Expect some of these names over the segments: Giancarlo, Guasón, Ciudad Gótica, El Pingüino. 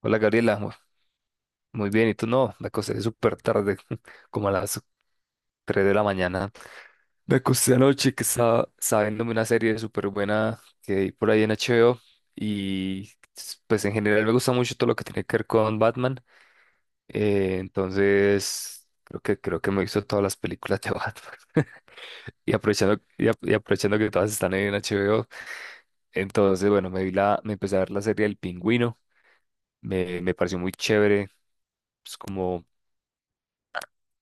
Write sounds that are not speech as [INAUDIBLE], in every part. Hola Gabriela, muy bien, ¿y tú no? Me acosté súper tarde, [LAUGHS] como a las 3 de la mañana. Me acosté anoche que estaba viéndome una serie súper buena que hay por ahí en HBO y pues en general me gusta mucho todo lo que tiene que ver con Batman. Entonces creo que me he visto todas las películas de Batman [LAUGHS] y aprovechando que todas están en HBO. Entonces, bueno, me empecé a ver la serie El Pingüino, me pareció muy chévere, pues, como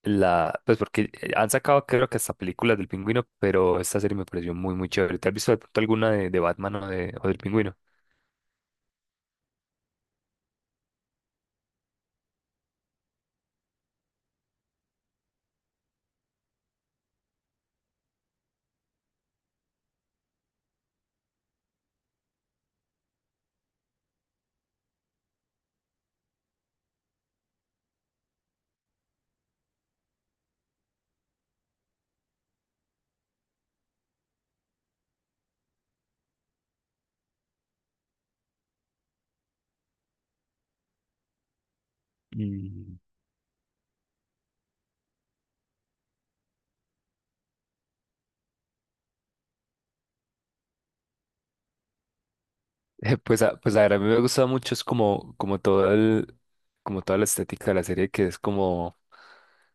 La, pues porque han sacado creo que hasta películas del pingüino, pero esta serie me pareció muy chévere. ¿Te has visto de pronto alguna de Batman o del pingüino? Mm. Pues a ver, a mí me gusta mucho, es como, como toda la estética de la serie, que es como,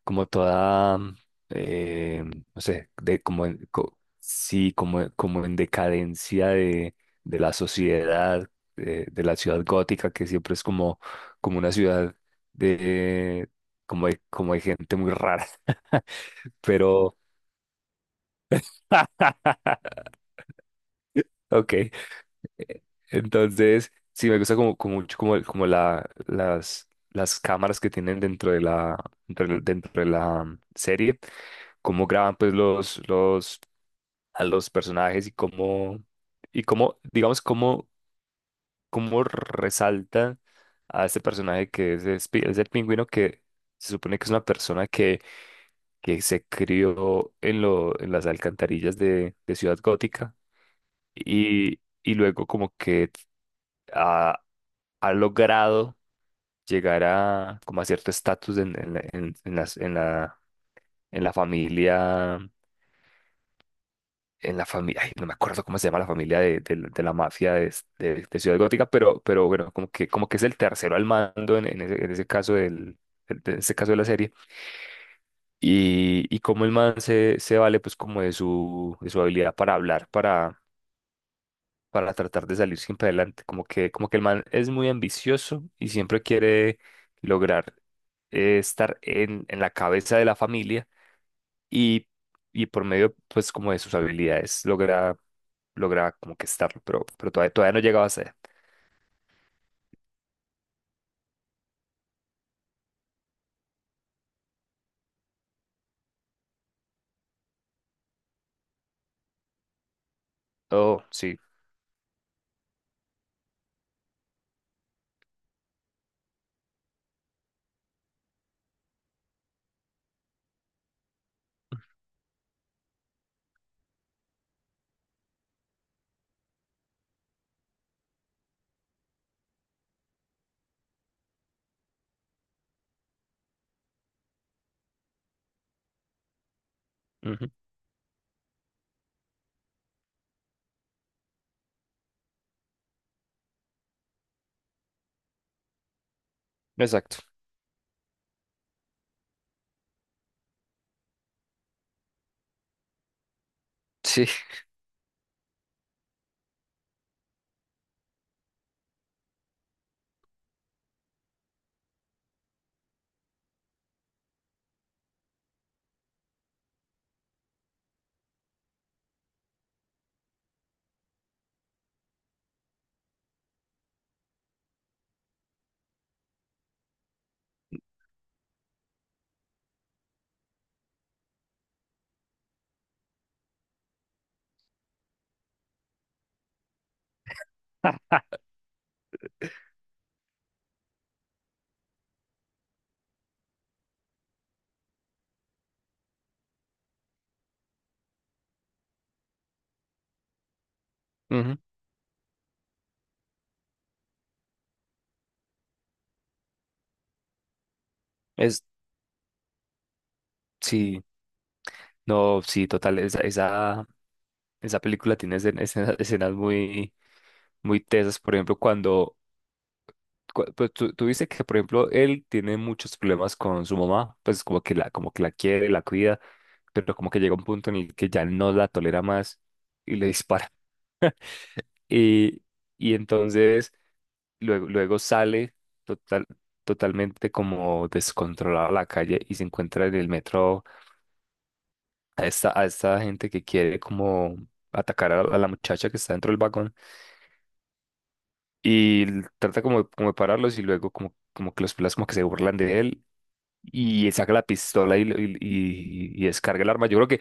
como toda, eh, no sé, de como, en- co- sí, como, como en decadencia de la sociedad, de la ciudad gótica, que siempre es como, como una ciudad de, como de gente muy rara, [LAUGHS] pero, [LAUGHS] ok. Entonces, sí, me gusta como, como mucho como, las cámaras que tienen dentro de la, dentro de la serie, cómo graban pues los, a los personajes y cómo, digamos, cómo, cómo resalta a este personaje que es el pingüino que se supone que es una persona que se crió en las alcantarillas de Ciudad Gótica y luego como que ha, ha logrado llegar a como a cierto estatus en la, en la familia, en la familia, ay, no me acuerdo cómo se llama la familia de la mafia de, de Ciudad Gótica, pero bueno, como que es el tercero al mando en ese caso del, de ese caso de la serie. Y cómo el man se vale pues como de su habilidad para hablar, para tratar de salir siempre adelante. Como que el man es muy ambicioso y siempre quiere lograr estar en la cabeza de la familia y, y por medio, pues, como de sus habilidades, logra como que estarlo, pero todavía, todavía no llegaba a ser. Oh, sí. Ujú. Exacto. [LAUGHS] Sí. Ujú. Es, sí, no, sí, total. Esa película tiene [LAUGHS] escenas muy tesas. Por ejemplo, cuando pues tú dices que, por ejemplo, él tiene muchos problemas con su mamá, pues como que la quiere, la cuida, pero como que llega un punto en el que ya no la tolera más y le [LAUGHS] dispara. Y, y entonces luego sale total, totalmente como descontrolado a la calle y se encuentra en el metro a esta gente que quiere como atacar a la muchacha que está dentro del vagón y trata como, como de pararlos y luego como, como que los pelas como que se burlan de él y saca la pistola y descarga el arma.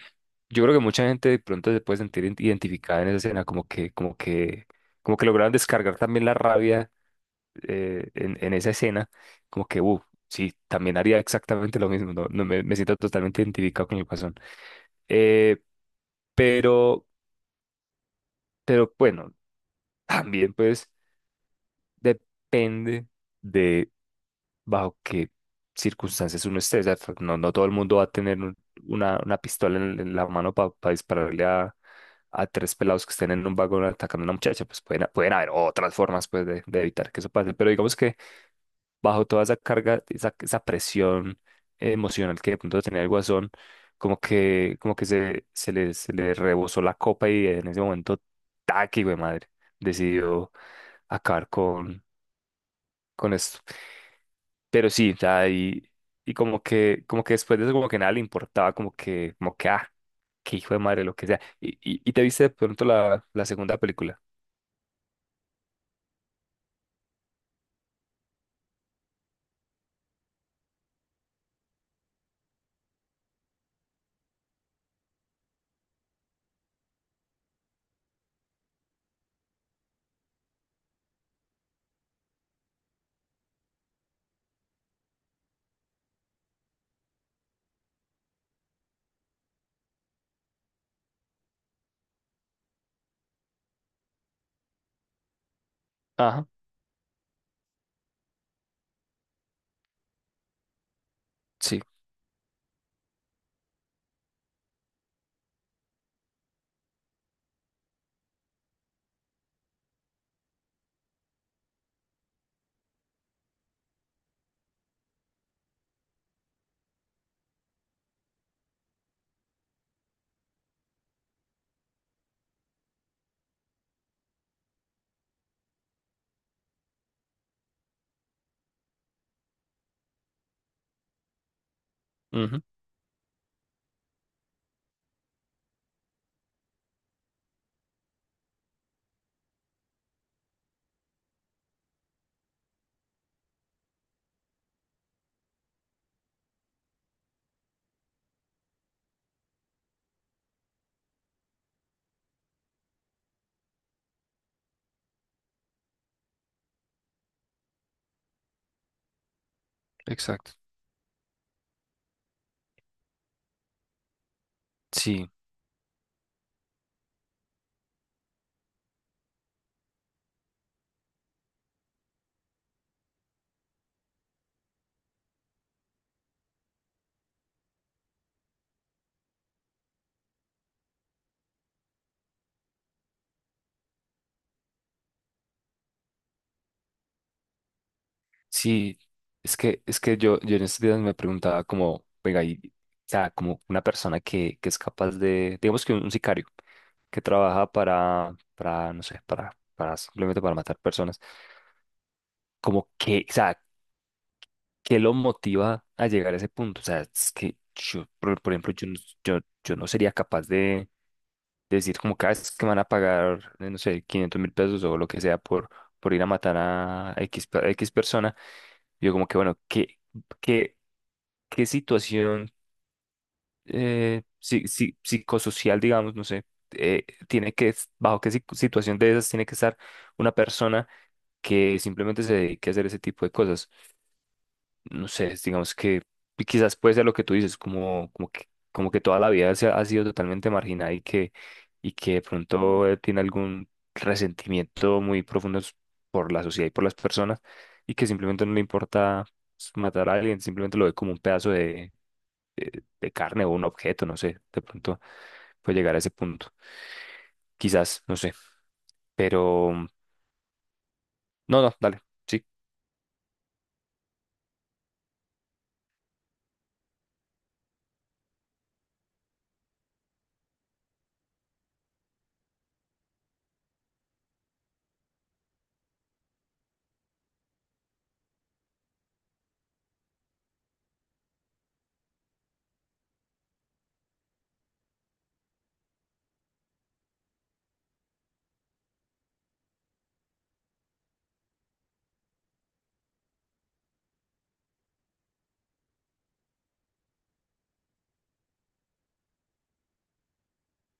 Yo creo que mucha gente de pronto se puede sentir identificada en esa escena, como que, como que, como que lograron descargar también la rabia en esa escena, como que, sí, también haría exactamente lo mismo, no me, me siento totalmente identificado con el Guasón. Eh, pero, pero bueno, también pues depende bajo qué circunstancias uno esté. O sea, no, no todo el mundo va a tener una pistola en la mano para dispararle a tres pelados que estén en un vagón atacando a una muchacha. Pues pueden haber otras formas pues, de evitar que eso pase. Pero digamos que bajo toda esa carga, esa presión emocional que de pronto tenía el Guasón, como que se le rebosó la copa y en ese momento, taqui, güey, madre, decidió acabar con esto. Pero sí, o sea, y como que después de eso, como que nada le importaba, como que, ah, qué hijo de madre, lo que sea. Y te viste de pronto la, la segunda película. Ajá, sí, ujú, exacto. Sí, sí, es que yo en estos días me preguntaba como, venga, y, o sea, como una persona que es capaz de, digamos que un sicario, que trabaja para, no sé, para simplemente para matar personas, como que, o sea, ¿qué lo motiva a llegar a ese punto? O sea, es que yo, por ejemplo, yo, yo no sería capaz de decir como cada vez que me van a pagar, no sé, 500 mil pesos o lo que sea por ir a matar a X, a X persona. Yo como que, bueno, qué, ¿qué situación psicosocial, digamos, no sé, bajo qué situación de esas tiene que estar una persona que simplemente se dedique a hacer ese tipo de cosas? No sé, digamos que quizás puede ser lo que tú dices, como, como que toda la vida ha sido totalmente marginada y que de pronto tiene algún resentimiento muy profundo por la sociedad y por las personas y que simplemente no le importa matar a alguien, simplemente lo ve como un pedazo de carne o un objeto, no sé, de pronto puede llegar a ese punto, quizás, no sé, pero mm, no, no, dale, sí.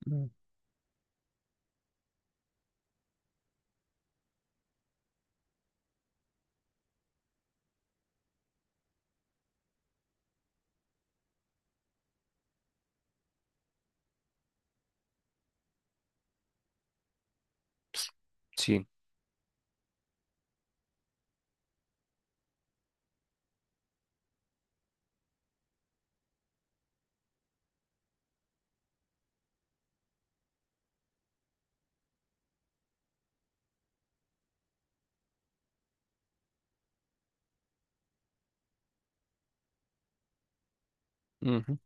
Mm. Sí, ujú.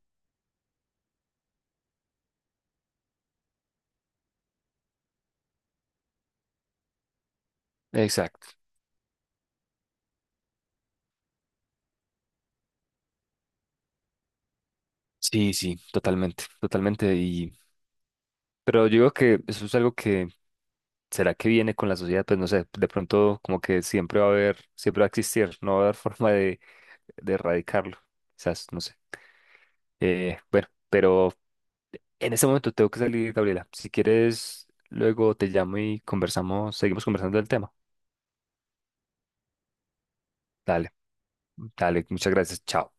Exacto, sí, sí, totalmente, totalmente. Pero yo digo que eso es algo que, ¿será que viene con la sociedad? Pues no sé, de pronto como que siempre va a haber, siempre va a existir, no va a haber [LAUGHS] forma de erradicarlo, quizás, no sé. Bueno, pero en ese momento tengo que salir, Gabriela. Si quieres, luego te llamo y conversamos, seguimos conversando del tema. Dale, dale, muchas gracias, chao.